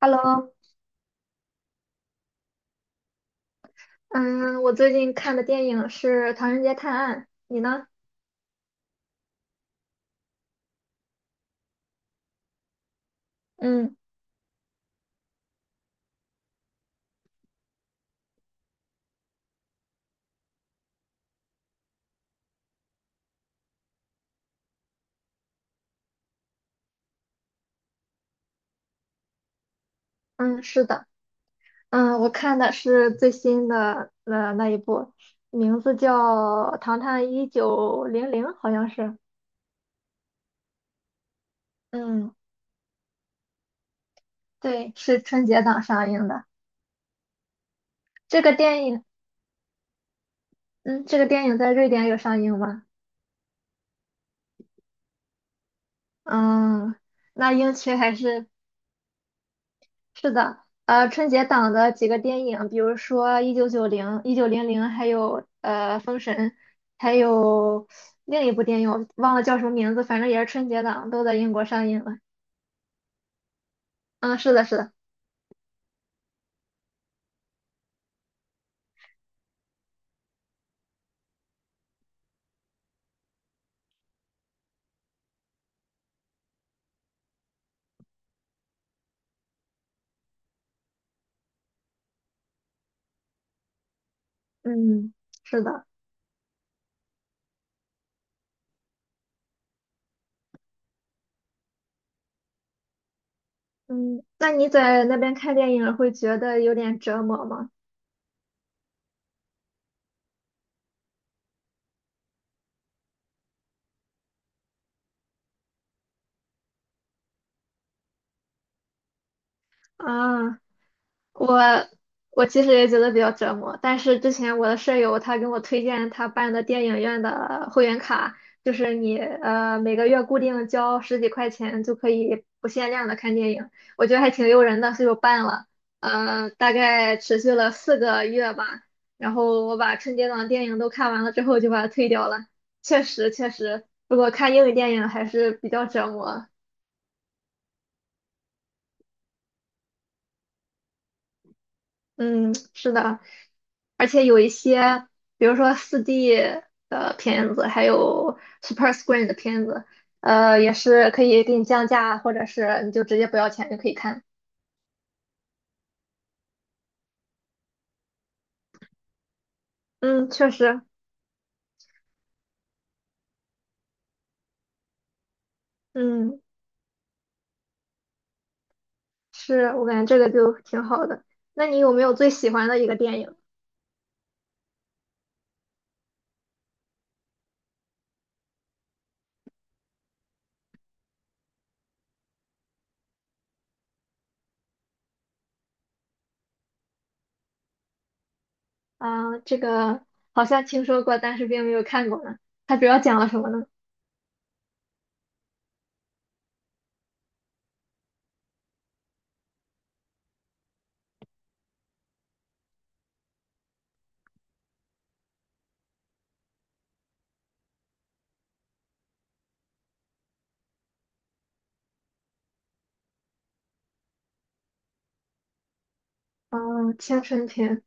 Hello，嗯，我最近看的电影是《唐人街探案》，你呢？嗯，嗯，是的，我看的是最新的那一部，名字叫《唐探一九零零》，好像是。嗯，对，是春节档上映的。这个电影，嗯，这个电影在瑞典有上映吗？嗯，那英区还是？是的。春节档的几个电影，比如说《1990》《一九零零》，还有《封神》，还有另一部电影，我忘了叫什么名字，反正也是春节档，都在英国上映了。嗯，是的，是的，嗯，是的。嗯，那你在那边看电影会觉得有点折磨吗？啊，我我其实也觉得比较折磨，但是之前我的舍友他给我推荐他办的电影院的会员卡，就是你每个月固定交十几块钱就可以不限量的看电影，我觉得还挺诱人的，所以我办了。大概持续了4个月吧，然后我把春节档的电影都看完了之后就把它退掉了。确实确实，如果看英语电影还是比较折磨。嗯，是的。而且有一些，比如说4D 的片子，还有 Super Screen 的片子，也是可以给你降价，或者是你就直接不要钱就可以看。嗯，确实。嗯，是我感觉这个就挺好的。那你有没有最喜欢的一个电影？啊，这个好像听说过，但是并没有看过呢。它主要讲了什么呢？嗯，青春片。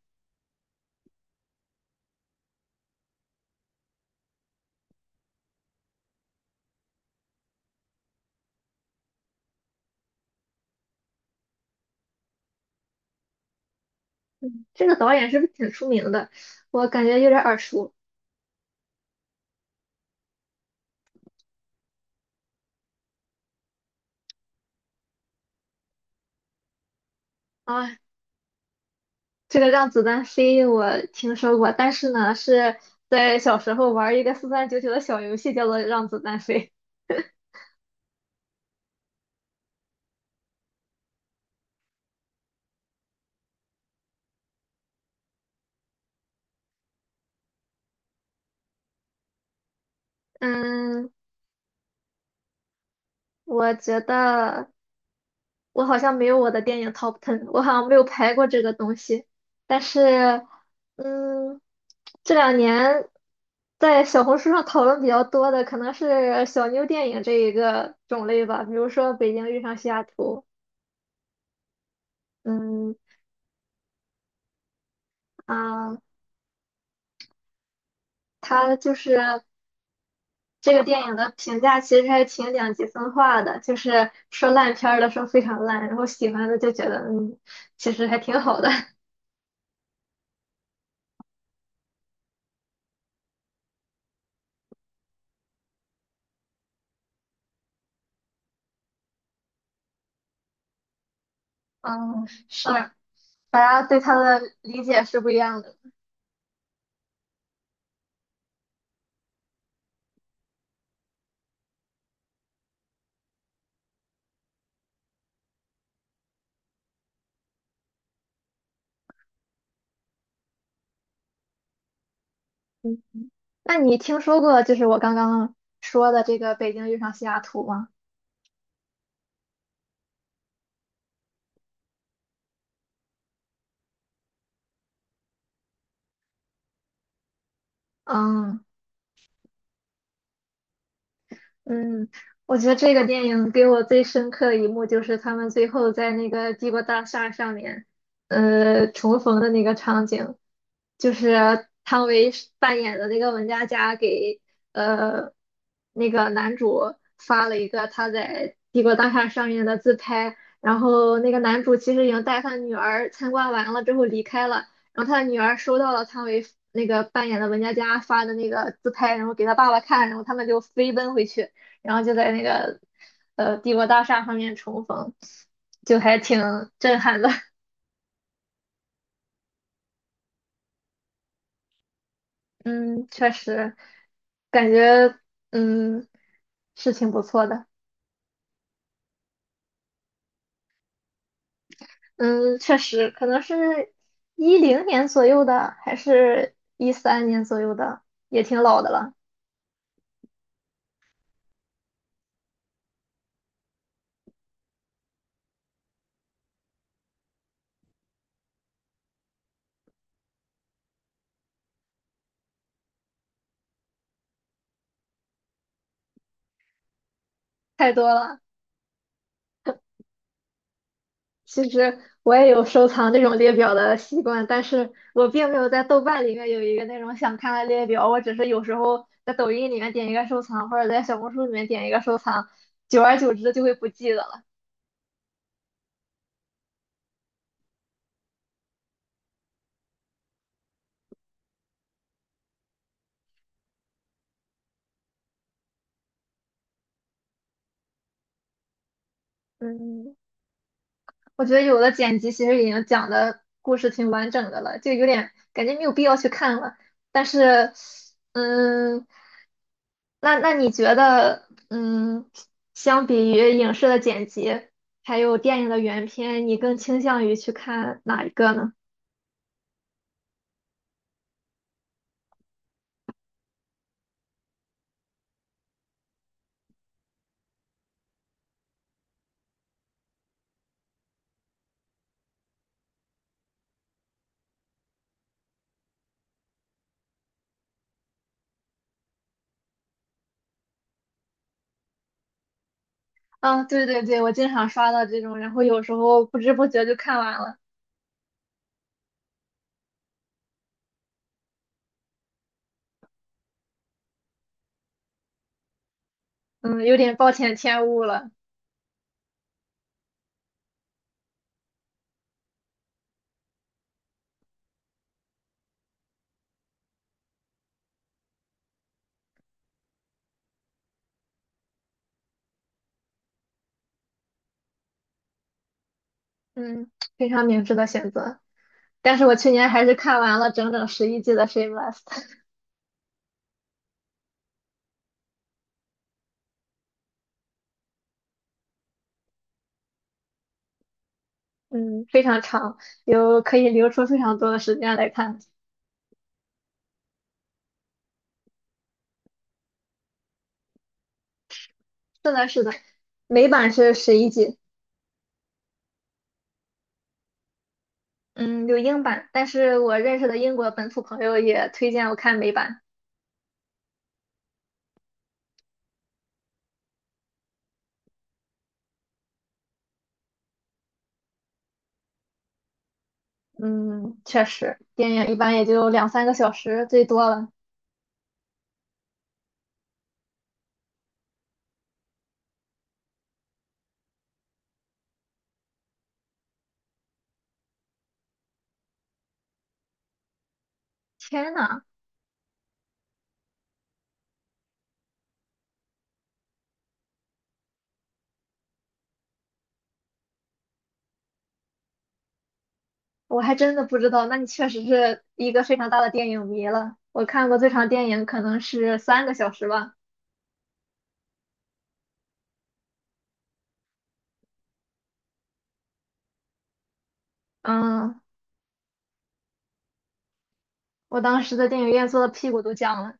这个导演是不是挺出名的？我感觉有点耳熟。啊。这个让子弹飞我听说过，但是呢，是在小时候玩一个4399的小游戏，叫做让子弹飞。嗯，我觉得我好像没有我的电影 top ten，我好像没有排过这个东西。但是，嗯，这两年在小红书上讨论比较多的，可能是小妞电影这一个种类吧，比如说《北京遇上西雅图》。嗯啊，它就是。这个电影的评价其实还挺两极分化的，就是说烂片儿的说非常烂，然后喜欢的就觉得其实还挺好的。嗯是，大家对它的理解是不一样的。嗯，那你听说过就是我刚刚说的这个《北京遇上西雅图》吗？嗯嗯，我觉得这个电影给我最深刻的一幕就是他们最后在那个帝国大厦上面，重逢的那个场景。就是汤唯饰扮演的那个文佳佳给呃那个男主发了一个他在帝国大厦上面的自拍，然后那个男主其实已经带他女儿参观完了之后离开了，然后他的女儿收到了汤唯那个扮演的文佳佳发的那个自拍，然后给他爸爸看，然后他们就飞奔回去，然后就在那个帝国大厦上面重逢，就还挺震撼的。嗯，确实感觉。嗯，是挺不错的。嗯，确实，可能是10年左右的，还是13年左右的，也挺老的了。太多了。其实我也有收藏这种列表的习惯，但是我并没有在豆瓣里面有一个那种想看的列表，我只是有时候在抖音里面点一个收藏，或者在小红书里面点一个收藏，久而久之就会不记得了。嗯，我觉得有的剪辑其实已经讲的故事挺完整的了，就有点感觉没有必要去看了。但是，嗯，那你觉得，相比于影视的剪辑，还有电影的原片，你更倾向于去看哪一个呢？啊，对对对，我经常刷到这种，然后有时候不知不觉就看完了。嗯，有点暴殄天物了。嗯，非常明智的选择。但是我去年还是看完了整整11季的《Shameless》。嗯，非常长，有可以留出非常多的时间来看。是的，是的，美版是11集。嗯，有英版，但是我认识的英国本土朋友也推荐我看美版。嗯，确实，电影一般也就两三个小时最多了。天呐，我还真的不知道，那你确实是一个非常大的电影迷了。我看过最长电影可能是三个小时吧。嗯，我当时在电影院坐的屁股都僵了。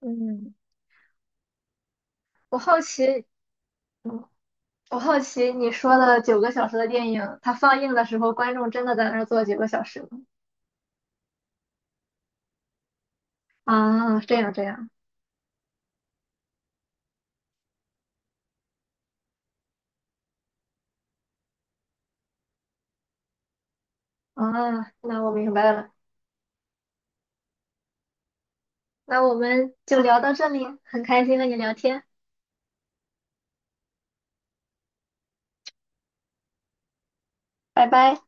嗯，我好奇。嗯我好奇你说的九个小时的电影，它放映的时候，观众真的在那儿坐九个小时吗？啊，这样这样。啊，那我明白了。那我们就聊到这里，很开心和你聊天，拜拜。